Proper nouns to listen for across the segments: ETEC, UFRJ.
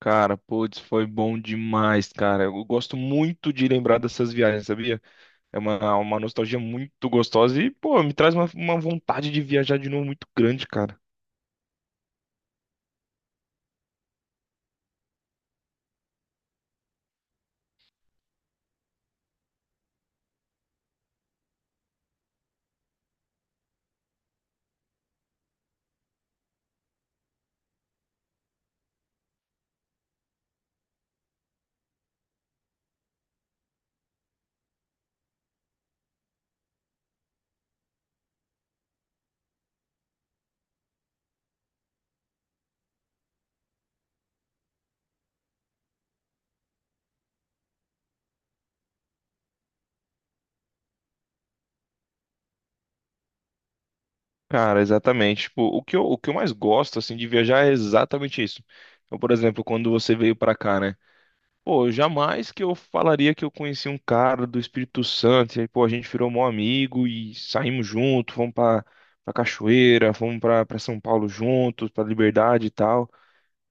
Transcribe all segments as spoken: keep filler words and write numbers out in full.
Cara, putz, foi bom demais, cara. Eu gosto muito de lembrar dessas viagens, sabia? É uma, uma nostalgia muito gostosa e, pô, me traz uma, uma vontade de viajar de novo muito grande, cara. Cara, exatamente. Tipo, o que eu, o que eu mais gosto, assim, de viajar é exatamente isso. Então, por exemplo, quando você veio pra cá, né? Pô, jamais que eu falaria que eu conheci um cara do Espírito Santo. E aí, pô, a gente virou mó amigo e saímos junto, fomos pra, pra cachoeira, fomos pra, pra São Paulo juntos, pra Liberdade e tal.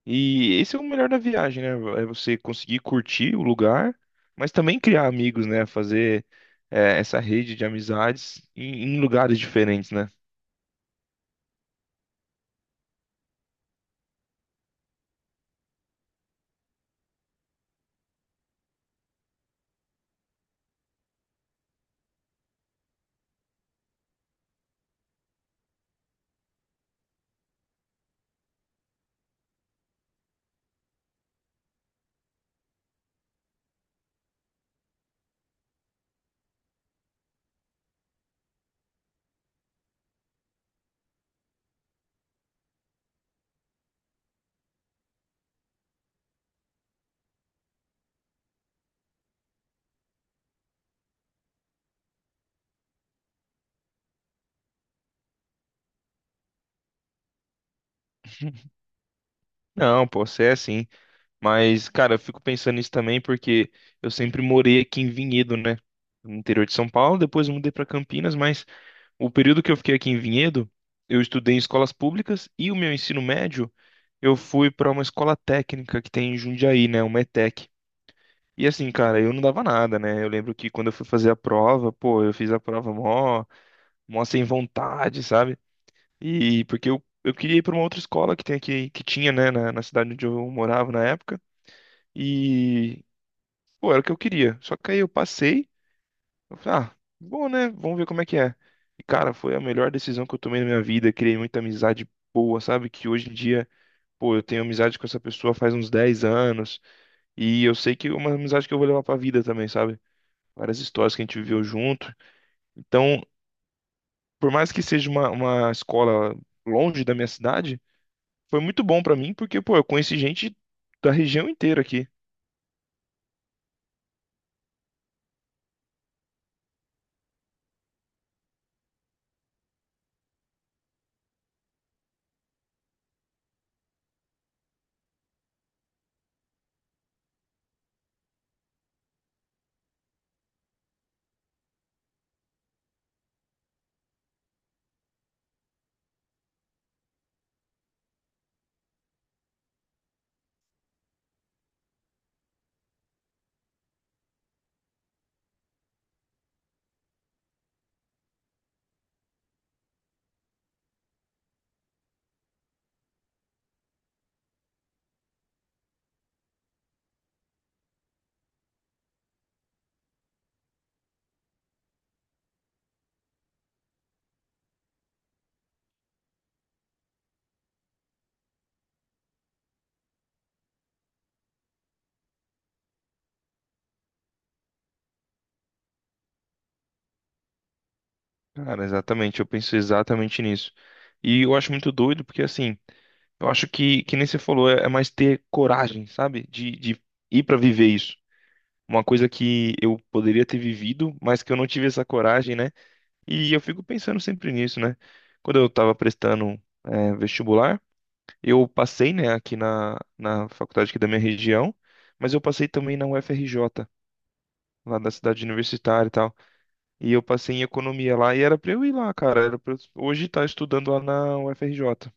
E esse é o melhor da viagem, né? É você conseguir curtir o lugar, mas também criar amigos, né? Fazer é, essa rede de amizades em, em lugares diferentes, né? Não, pô, você é assim. Mas, cara, eu fico pensando nisso também porque eu sempre morei aqui em Vinhedo, né? No interior de São Paulo, depois eu mudei para Campinas, mas o período que eu fiquei aqui em Vinhedo, eu estudei em escolas públicas e o meu ensino médio, eu fui para uma escola técnica que tem em Jundiaí, né? Uma etéqui. E assim, cara, eu não dava nada, né? Eu lembro que quando eu fui fazer a prova, pô, eu fiz a prova mó, mó sem vontade, sabe? E porque eu, eu queria ir pra uma outra escola que tem aqui, que tinha, né, na, na cidade onde eu morava na época. E, pô, era o que eu queria. Só que aí eu passei, eu falei, ah, bom, né? Vamos ver como é que é. E, cara, foi a melhor decisão que eu tomei na minha vida. Criei muita amizade boa, sabe? Que hoje em dia, pô, eu tenho amizade com essa pessoa faz uns dez anos. E eu sei que é uma amizade que eu vou levar pra vida também, sabe? Várias histórias que a gente viveu junto. Então, por mais que seja uma, uma escola longe da minha cidade, foi muito bom pra mim, porque, pô, eu conheci gente da região inteira aqui. Cara, exatamente, eu penso exatamente nisso. E eu acho muito doido, porque assim, eu acho que, que nem você falou, é é mais ter coragem, sabe? De, de ir pra viver isso. Uma coisa que eu poderia ter vivido, mas que eu não tive essa coragem, né? E eu fico pensando sempre nisso, né? Quando eu tava prestando, eh, vestibular, eu passei, né, aqui na, na faculdade aqui da minha região, mas eu passei também na U F R J, lá da cidade universitária e tal. E eu passei em economia lá e era pra eu ir lá, cara. Era pra eu hoje estar estudando lá na U F R J.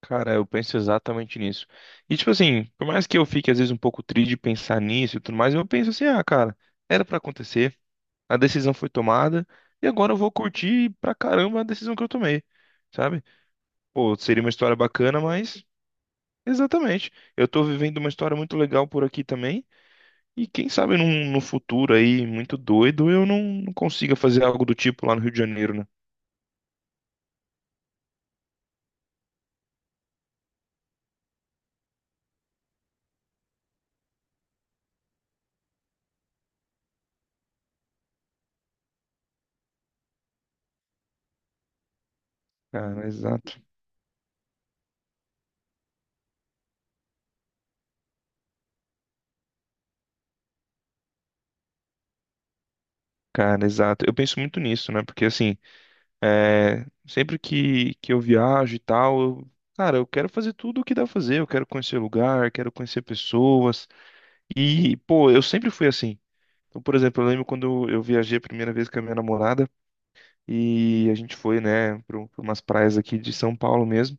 Cara, eu penso exatamente nisso. E tipo assim, por mais que eu fique às vezes um pouco triste de pensar nisso e tudo mais, eu penso assim, ah, cara, era pra acontecer, a decisão foi tomada e agora eu vou curtir pra caramba a decisão que eu tomei, sabe? Pô, seria uma história bacana, mas exatamente. Eu tô vivendo uma história muito legal por aqui também. E quem sabe num, no futuro aí, muito doido, eu não, não consiga fazer algo do tipo lá no Rio de Janeiro, né? Cara, exato. Cara, exato. Eu penso muito nisso, né? Porque assim, é, sempre que, que eu viajo e tal, eu- cara, eu quero fazer tudo o que dá pra fazer. Eu quero conhecer lugar, quero conhecer pessoas. E, pô, eu sempre fui assim. Então, por exemplo, eu lembro quando eu viajei a primeira vez com a minha namorada e a gente foi, né, para umas praias aqui de São Paulo mesmo.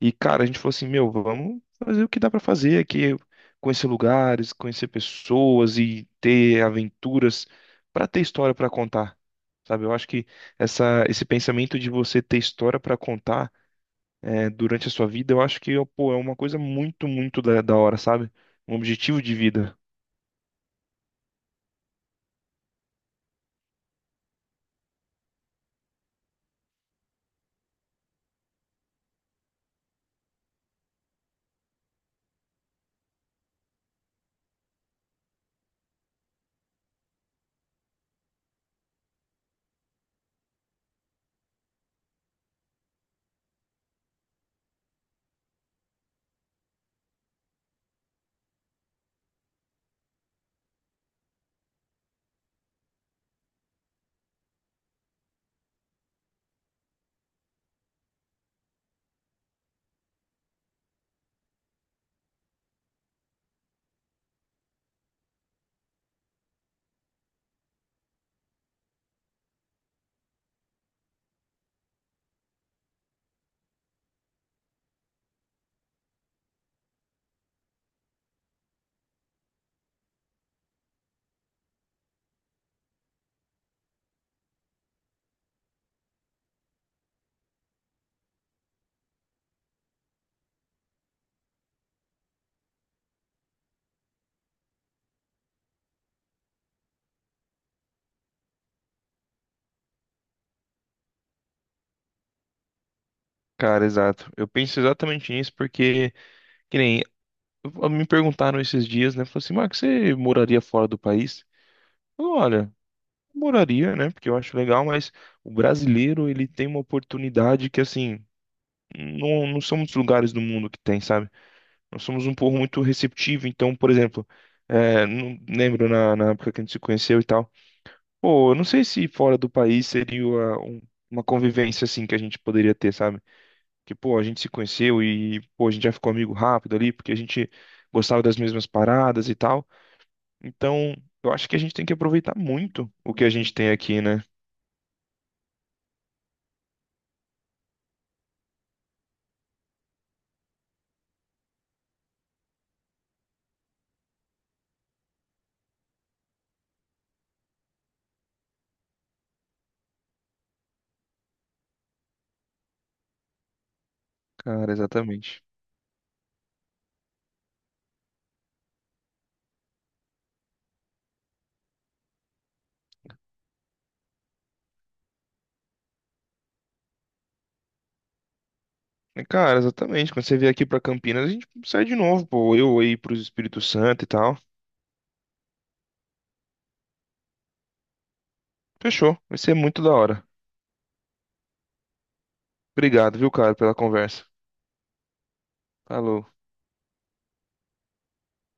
E, cara, a gente falou assim, meu, vamos fazer o que dá pra fazer aqui, conhecer lugares, conhecer pessoas e ter aventuras pra ter história pra contar. Sabe, eu acho que essa, esse pensamento de você ter história pra contar é, durante a sua vida, eu acho que pô, é uma coisa muito, muito da, da hora, sabe? Um objetivo de vida. Cara, exato. Eu penso exatamente nisso porque, que nem, me perguntaram esses dias, né? Falaram assim, Marcos, você moraria fora do país? Eu, olha, moraria, né? Porque eu acho legal, mas o brasileiro, ele tem uma oportunidade que, assim, não, não são muitos lugares do mundo que tem, sabe? Nós somos um povo muito receptivo, então, por exemplo, é, não lembro na, na época que a gente se conheceu e tal, pô, eu não sei se fora do país seria uma, um- uma convivência, assim, que a gente poderia ter, sabe? Que, pô, a gente se conheceu e, pô, a gente já ficou amigo rápido ali, porque a gente gostava das mesmas paradas e tal. Então, eu acho que a gente tem que aproveitar muito o que a gente tem aqui, né? Cara, exatamente. E, cara, exatamente. Quando você vier aqui pra Campinas, a gente sai de novo, pô. Eu aí pro Espírito Santo e tal. Fechou. Vai ser muito da hora. Obrigado, viu, cara, pela conversa. Falou.